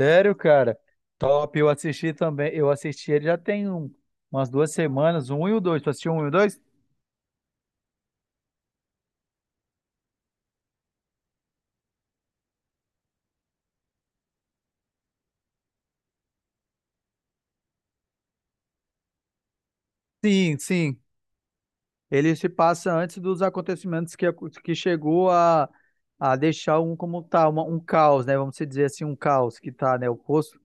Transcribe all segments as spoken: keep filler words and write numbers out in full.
Sério, cara? Top, eu assisti também. Eu assisti ele já tem um- umas duas semanas, um e o dois. Tu assistiu um e o dois? Sim, sim. Ele se passa antes dos acontecimentos que, acon- que chegou a, a deixar um como tá, uma- um caos, né? Vamos dizer assim, um caos que tá, né? O poço.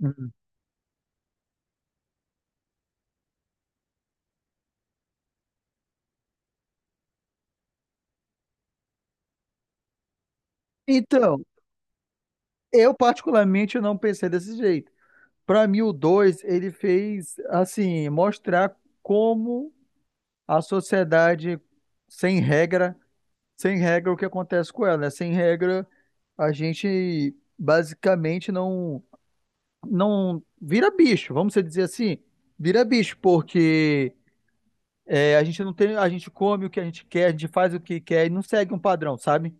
Uhum. Então, eu particularmente não pensei desse jeito. Para mim, o dois, ele fez, assim, mostrar como a sociedade sem regra. Sem regra, o que acontece com ela, né? Sem regra, a gente basicamente não não vira bicho, vamos dizer assim, vira bicho, porque é, a gente não tem, a gente come o que a gente quer, a gente faz o que quer e não segue um padrão, sabe?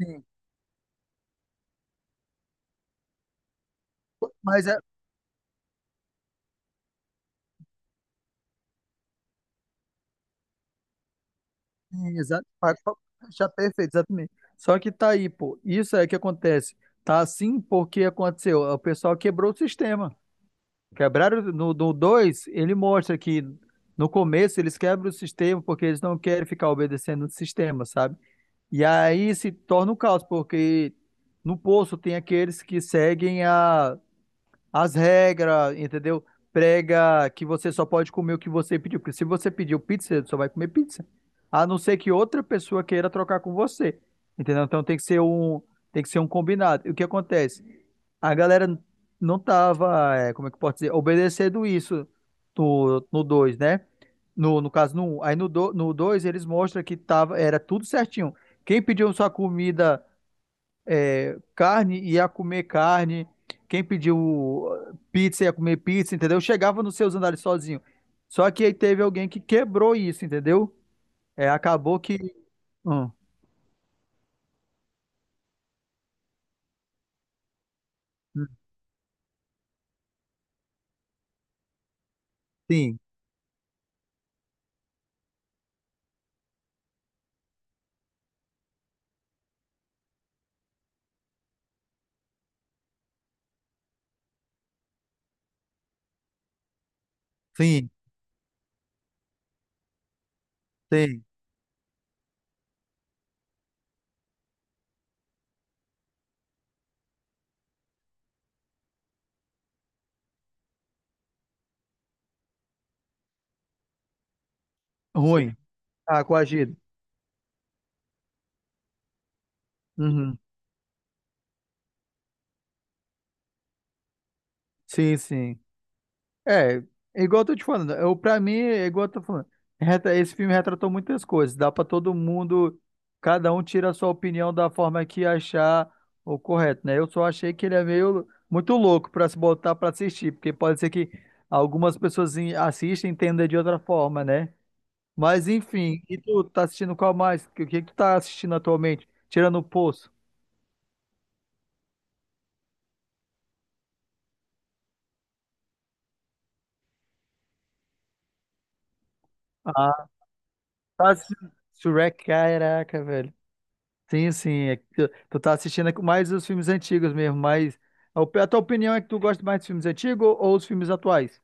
Sim. Mas é, exato, já perfeito, exatamente. Só que tá aí, pô, isso é que acontece. Tá assim porque aconteceu, o pessoal quebrou o sistema. Quebraram no dois, ele mostra que no começo eles quebram o sistema porque eles não querem ficar obedecendo o sistema, sabe? E aí se torna um caos, porque no poço tem aqueles que seguem a, as regras, entendeu? Prega que você só pode comer o que você pediu. Porque se você pediu pizza, você só vai comer pizza. A não ser que outra pessoa queira trocar com você. Entendeu? Então tem que ser um, tem que ser um combinado. E o que acontece? A galera não tava, é, como é que eu posso dizer, obedecendo isso no, no dois, né? No, no caso, no um. Aí no dois no dois, eles mostram que tava, era tudo certinho. Quem pediu sua comida carne ia comer carne, quem pediu eh, pizza ia comer pizza, entendeu? Chegava nos seus andares sozinho. Só que aí teve alguém que quebrou isso, entendeu? É, acabou que. Hum, sim, sim, sim. Ruim. Ah, coagido. Uhum. Sim, sim. É, é igual eu tô te falando, eu, pra mim, é igual eu tô falando, reta- esse filme retratou muitas coisas, dá pra todo mundo, cada um tira a sua opinião da forma que achar o correto, né? Eu só achei que ele é meio muito louco pra se botar pra assistir, porque pode ser que algumas pessoas em- assistem e entendam de outra forma, né? Mas enfim, e tu tá assistindo qual mais? O que, que tu tá assistindo atualmente? Tirando o Poço. Ah, tá assistindo Shrek, caraca, velho. Sim, sim. É que tu, tu tá assistindo mais os filmes antigos mesmo, mas a, op- a tua opinião é que tu gosta mais dos filmes antigos ou, ou os filmes atuais?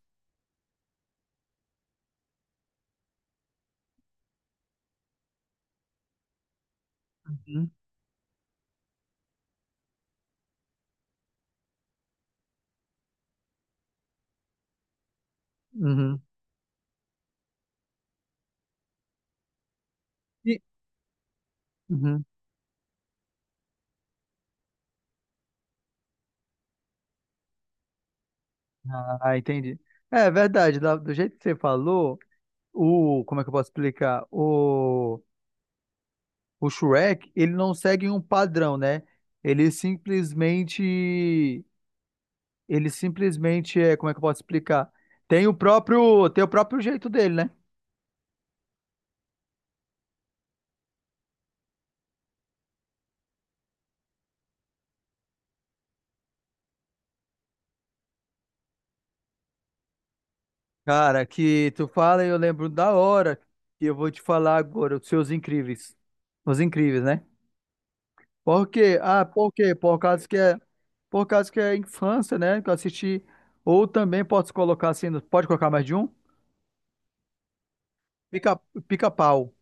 Uhum. Uhum. E- uhum. Ah, entendi. É verdade, da- do jeito que você falou, o, como é que eu posso explicar? O, o Shrek, ele não segue um padrão, né? Ele simplesmente, ele simplesmente é, como é que eu posso explicar? Tem o próprio, tem o próprio jeito dele, né? Cara, que tu fala e eu lembro da hora que eu vou te falar agora, os seus incríveis. Os incríveis, né? Por quê? Ah, por quê? Por causa que é, por causa que é infância, né? Que eu assisti. Ou também posso colocar assim, no- pode colocar mais de um? Pica, pica-pau.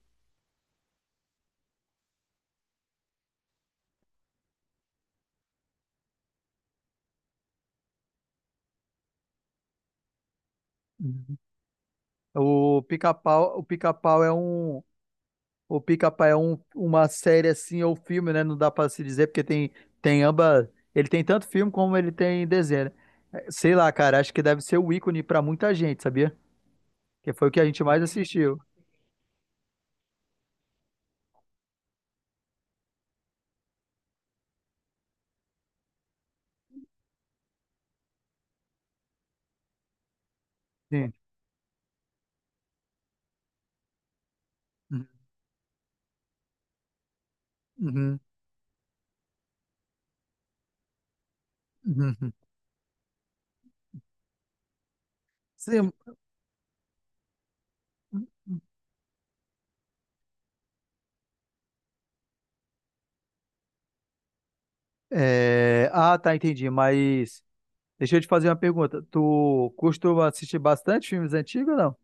Uhum. O pica-pau, o pica-pau é um, o pica-pau é um, uma série assim ou filme, né? Não dá pra se dizer porque tem tem ambas, ele tem tanto filme como ele tem desenho, né? Eh, sei lá, cara, acho que deve ser o ícone pra muita gente, sabia? Que foi o que a gente mais assistiu. Sim. Uhum, uhum, uhum. Sim. Hum, hum. É, ah, tá, entendi. Mas deixa eu te fazer uma pergunta. Tu costuma assistir bastante filmes antigos ou não?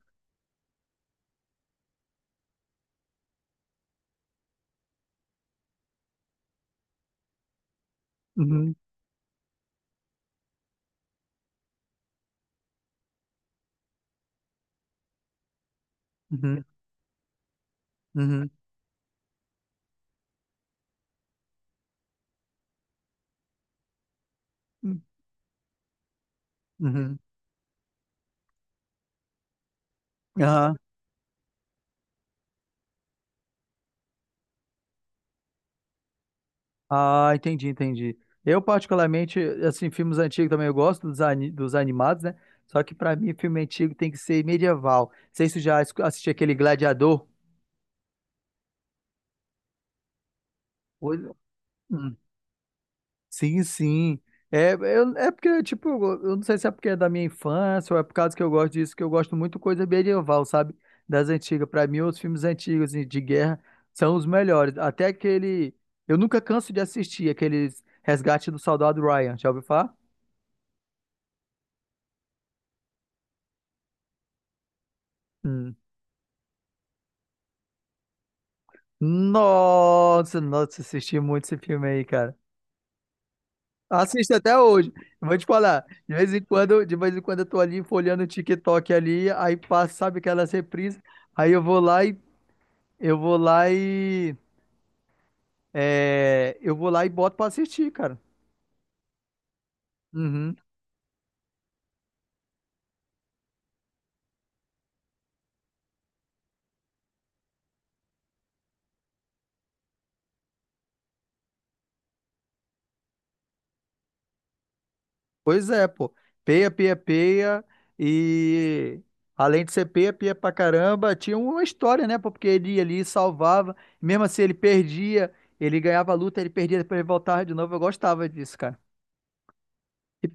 Uhum, uhum, uhum, uhum. Aham. Ah, entendi, entendi. Eu, particularmente, assim, filmes antigos também eu gosto dos, ani- dos animados, né? Só que pra mim, filme antigo tem que ser medieval. Não sei se tu já es- assistiu aquele Gladiador. Pois é. Sim, sim. É, eu, é porque, tipo, eu eu não sei se é porque é da minha infância ou é por causa que eu gosto disso, que eu gosto muito coisa medieval, sabe? Das antigas. Pra mim, os filmes antigos assim, de guerra são os melhores. Até aquele. Eu nunca canso de assistir aqueles Resgate do Soldado Ryan. Já ouviu falar? Hum. Nossa, nossa, assisti muito esse filme aí, cara. Assisto até hoje. Eu vou te falar. De vez em quando, de vez em quando eu tô ali folheando o TikTok ali, aí passa, sabe aquelas reprises. Aí eu vou lá e Eu vou lá e. é, eu vou lá e boto pra assistir, cara. Uhum. Pois é, pô. Peia, peia, peia. E além de ser peia, peia pra caramba, tinha uma história, né, pô? Porque ele ia ali salvava. Mesmo assim, ele perdia, ele ganhava a luta, ele perdia, depois ele voltava de novo. Eu gostava disso, cara. E-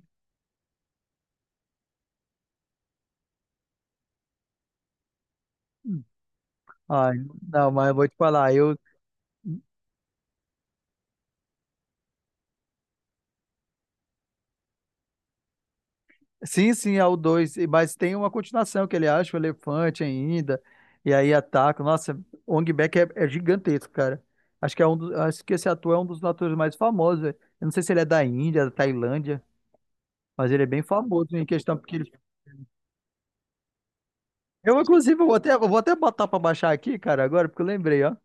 Ai, não, mas eu vou te falar, eu, sim, sim, é o dois, mas tem uma continuação que ele acha o elefante ainda, e aí ataca. Nossa, o Ong Bak é, é gigantesco, cara. Acho que é um dos, acho que esse ator é um dos atores mais famosos, velho. Eu não sei se ele é da Índia, da Tailândia, mas ele é bem famoso em questão porque ele... Eu, inclusive, eu vou até, eu vou até botar pra baixar aqui, cara, agora, porque eu lembrei, ó.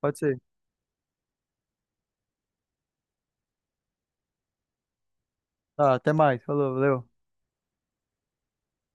Pode ser. Tá, até mais. Falou, valeu.